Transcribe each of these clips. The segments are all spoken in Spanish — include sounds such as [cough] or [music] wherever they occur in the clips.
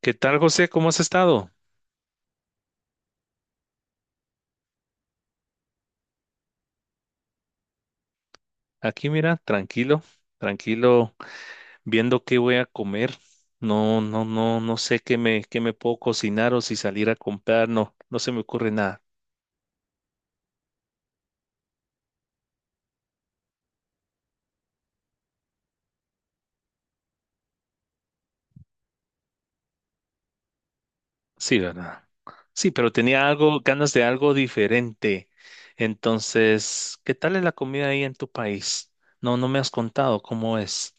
¿Qué tal, José? ¿Cómo has estado? Aquí, mira, tranquilo, tranquilo, viendo qué voy a comer. No, no, no, no sé qué me puedo cocinar o si salir a comprar. No, no se me ocurre nada. Sí, ¿verdad? Sí, pero tenía algo, ganas de algo diferente. Entonces, ¿qué tal es la comida ahí en tu país? No, no me has contado cómo es.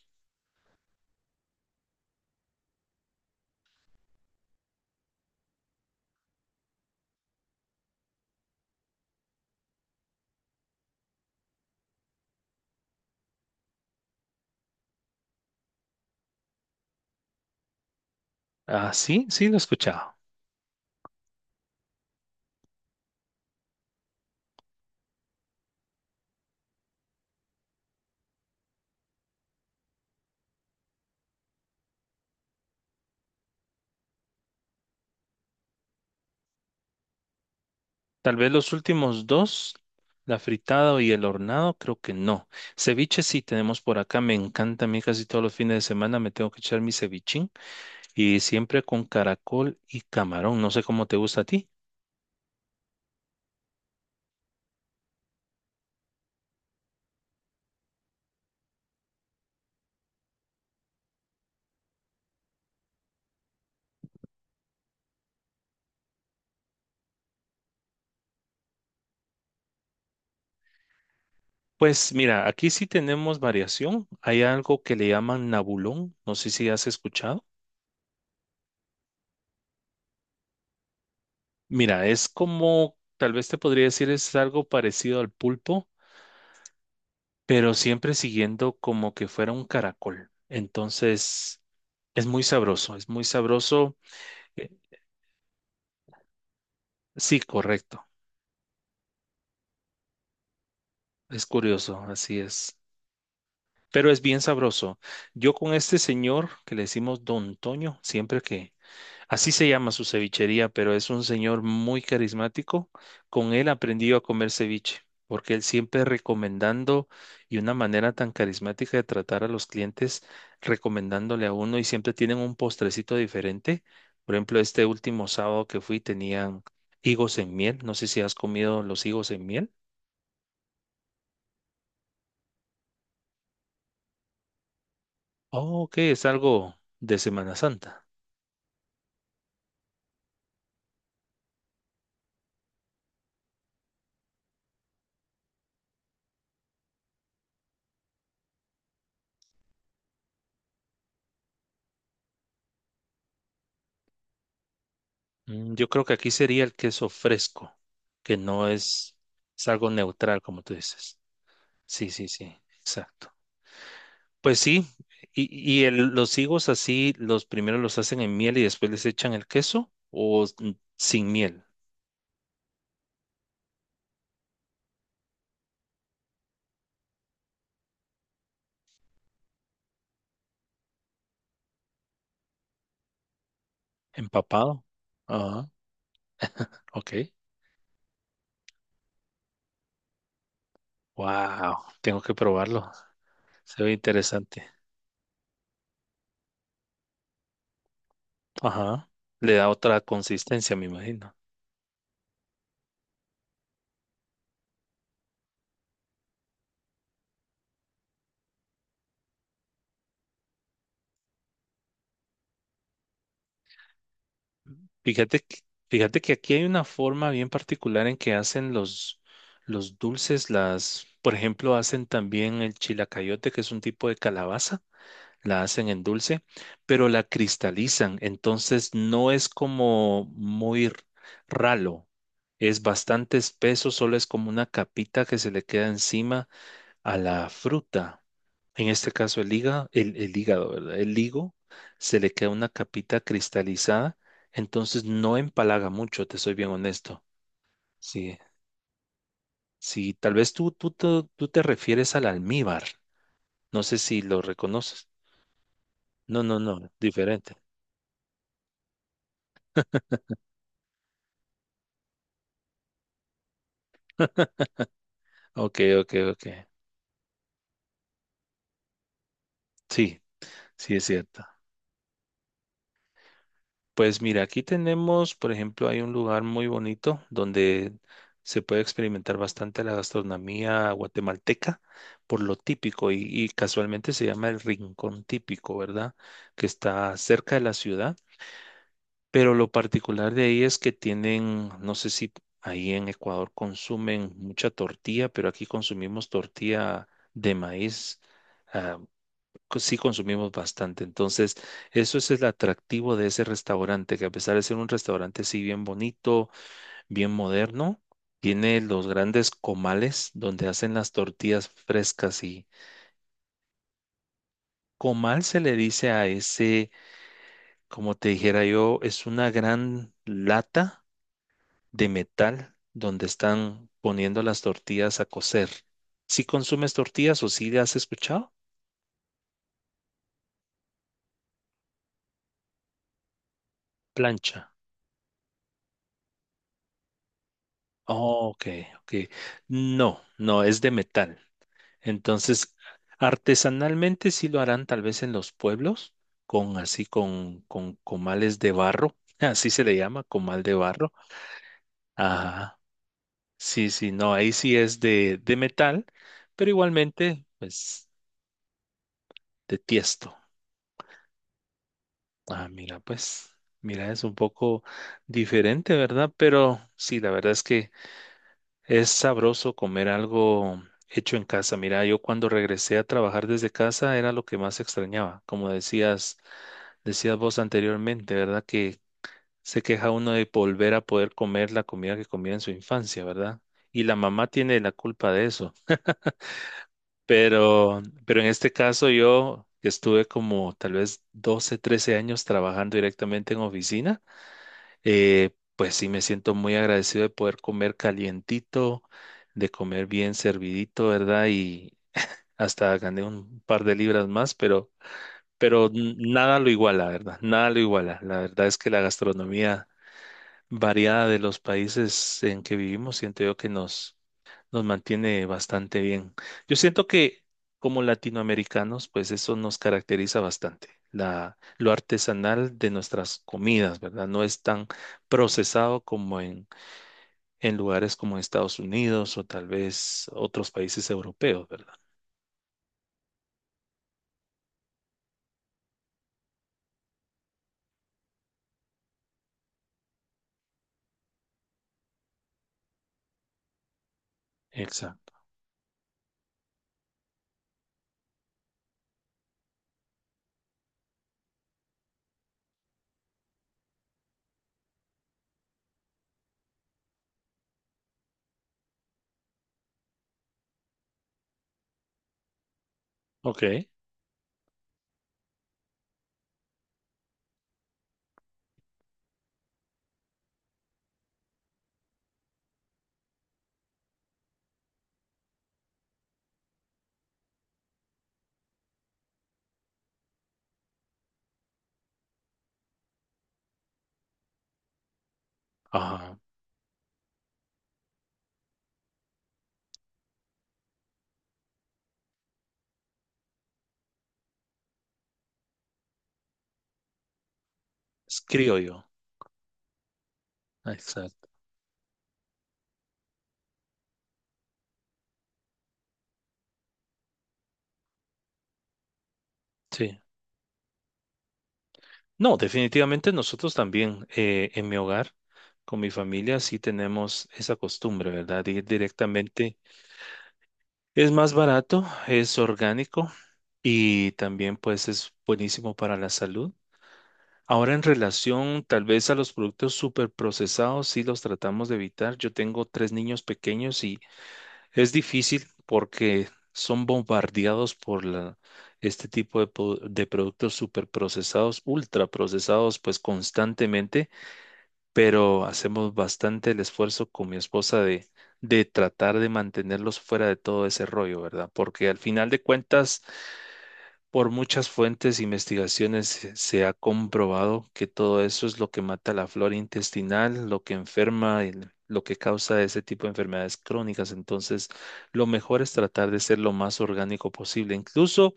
Ah, sí, sí, lo he escuchado. Tal vez los últimos dos, la fritada y el hornado, creo que no. Ceviche sí tenemos por acá, me encanta. A mí casi todos los fines de semana me tengo que echar mi cevichín y siempre con caracol y camarón, no sé cómo te gusta a ti. Pues mira, aquí sí tenemos variación, hay algo que le llaman nabulón, no sé si has escuchado. Mira, es como, tal vez te podría decir, es algo parecido al pulpo, pero siempre siguiendo como que fuera un caracol. Entonces, es muy sabroso, es muy sabroso. Eh, Sí, correcto. Es curioso, así es. Pero es bien sabroso. Yo con este señor que le decimos Don Toño, siempre que, así se llama su cevichería, pero es un señor muy carismático. Con él aprendí yo a comer ceviche, porque él siempre recomendando y una manera tan carismática de tratar a los clientes, recomendándole a uno y siempre tienen un postrecito diferente. Por ejemplo, este último sábado que fui tenían higos en miel. No sé si has comido los higos en miel. Oh, ok, es algo de Semana Santa. Mm, yo creo que aquí sería el queso fresco, que no es, es algo neutral, como tú dices. Sí, sí, sí, exacto. Pues sí, y, y los higos así, los primero los hacen en miel y después les echan el queso o sin miel, empapado. Ajá, ok. Wow, tengo que probarlo. Se ve interesante. Ajá, le da otra consistencia, me imagino. Fíjate, que- fíjate que aquí hay una forma bien particular en que hacen los dulces, las, por ejemplo, hacen también el chilacayote, que es un tipo de calabaza, la hacen en dulce, pero la cristalizan, entonces no es como muy ralo, es bastante espeso, solo es como una capita que se le queda encima a la fruta. En este caso el hígado, el hígado, ¿verdad? El higo se le queda una capita cristalizada, entonces no empalaga mucho, te soy bien honesto. Sí, sí, tal vez tú te refieres al almíbar, no sé si lo reconoces. No, no, no, diferente. Ok, ok, ok. Sí, sí es cierto. Pues mira, aquí tenemos, por ejemplo, hay un lugar muy bonito donde se puede experimentar bastante la gastronomía guatemalteca por lo típico y casualmente se llama el Rincón Típico, ¿verdad? Que está cerca de la ciudad, pero lo particular de ahí es que tienen, no sé si ahí en Ecuador consumen mucha tortilla, pero aquí consumimos tortilla de maíz. Ah, sí consumimos bastante. Entonces, eso es el atractivo de ese restaurante, que a pesar de ser un restaurante sí bien bonito, bien moderno, tiene los grandes comales donde hacen las tortillas frescas. Y comal se le dice a ese, como te dijera yo, es una gran lata de metal donde están poniendo las tortillas a cocer. ¿Si consumes tortillas o si le has escuchado? Plancha. Oh, ok, ok. No, no, es de metal. Entonces, artesanalmente sí lo harán tal vez en los pueblos, con así con comales de barro, [laughs] así se le llama, comal de barro. Ajá. Sí, sí, no, ahí sí es de metal, pero igualmente, pues, de tiesto. Ah, mira, pues, mira, es un poco diferente, ¿verdad? Pero sí, la verdad es que es sabroso comer algo hecho en casa. Mira, yo cuando regresé a trabajar desde casa era lo que más extrañaba, como decías vos anteriormente, ¿verdad? Que se queja uno de volver a poder comer la comida que comía en su infancia, ¿verdad? Y la mamá tiene la culpa de eso. Pero en este caso yo que estuve como tal vez 12 o 13 años trabajando directamente en oficina, eh, pues sí me siento muy agradecido de poder comer calientito, de comer bien servidito, ¿verdad? Y hasta gané un par de libras más, pero nada lo iguala, ¿verdad? Nada lo iguala. La verdad es que la gastronomía variada de los países en que vivimos, siento yo que nos mantiene bastante bien. Yo siento que como latinoamericanos, pues eso nos caracteriza bastante. La, lo artesanal de nuestras comidas, ¿verdad? No es tan procesado como en lugares como Estados Unidos o tal vez otros países europeos, ¿verdad? Exacto. Ok. Ajá. Es criollo. Exacto. Sí. No, definitivamente nosotros también en mi hogar, con mi familia, sí tenemos esa costumbre, ¿verdad? De ir directamente. Es más barato, es orgánico y también pues es buenísimo para la salud. Ahora en relación tal vez a los productos super procesados, sí los tratamos de evitar. Yo tengo 3 niños pequeños y es difícil porque son bombardeados por la, este tipo de, de productos super procesados, ultra procesados pues constantemente, pero hacemos bastante el esfuerzo con mi esposa de tratar de mantenerlos fuera de todo ese rollo, ¿verdad? Porque al final de cuentas, por muchas fuentes e investigaciones se ha comprobado que todo eso es lo que mata la flora intestinal, lo que enferma, lo que causa ese tipo de enfermedades crónicas. Entonces, lo mejor es tratar de ser lo más orgánico posible. Incluso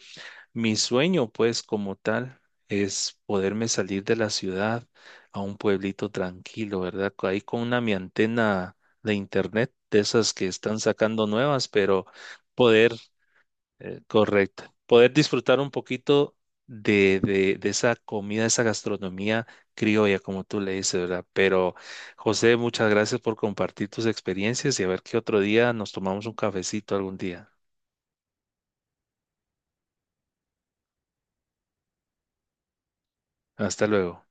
mi sueño, pues, como tal, es poderme salir de la ciudad a un pueblito tranquilo, ¿verdad? Ahí con una mi antena de internet, de esas que están sacando nuevas, pero poder, correcto, poder disfrutar un poquito de esa comida, esa gastronomía criolla, como tú le dices, ¿verdad? Pero, José, muchas gracias por compartir tus experiencias y a ver qué otro día nos tomamos un cafecito algún día. Hasta luego.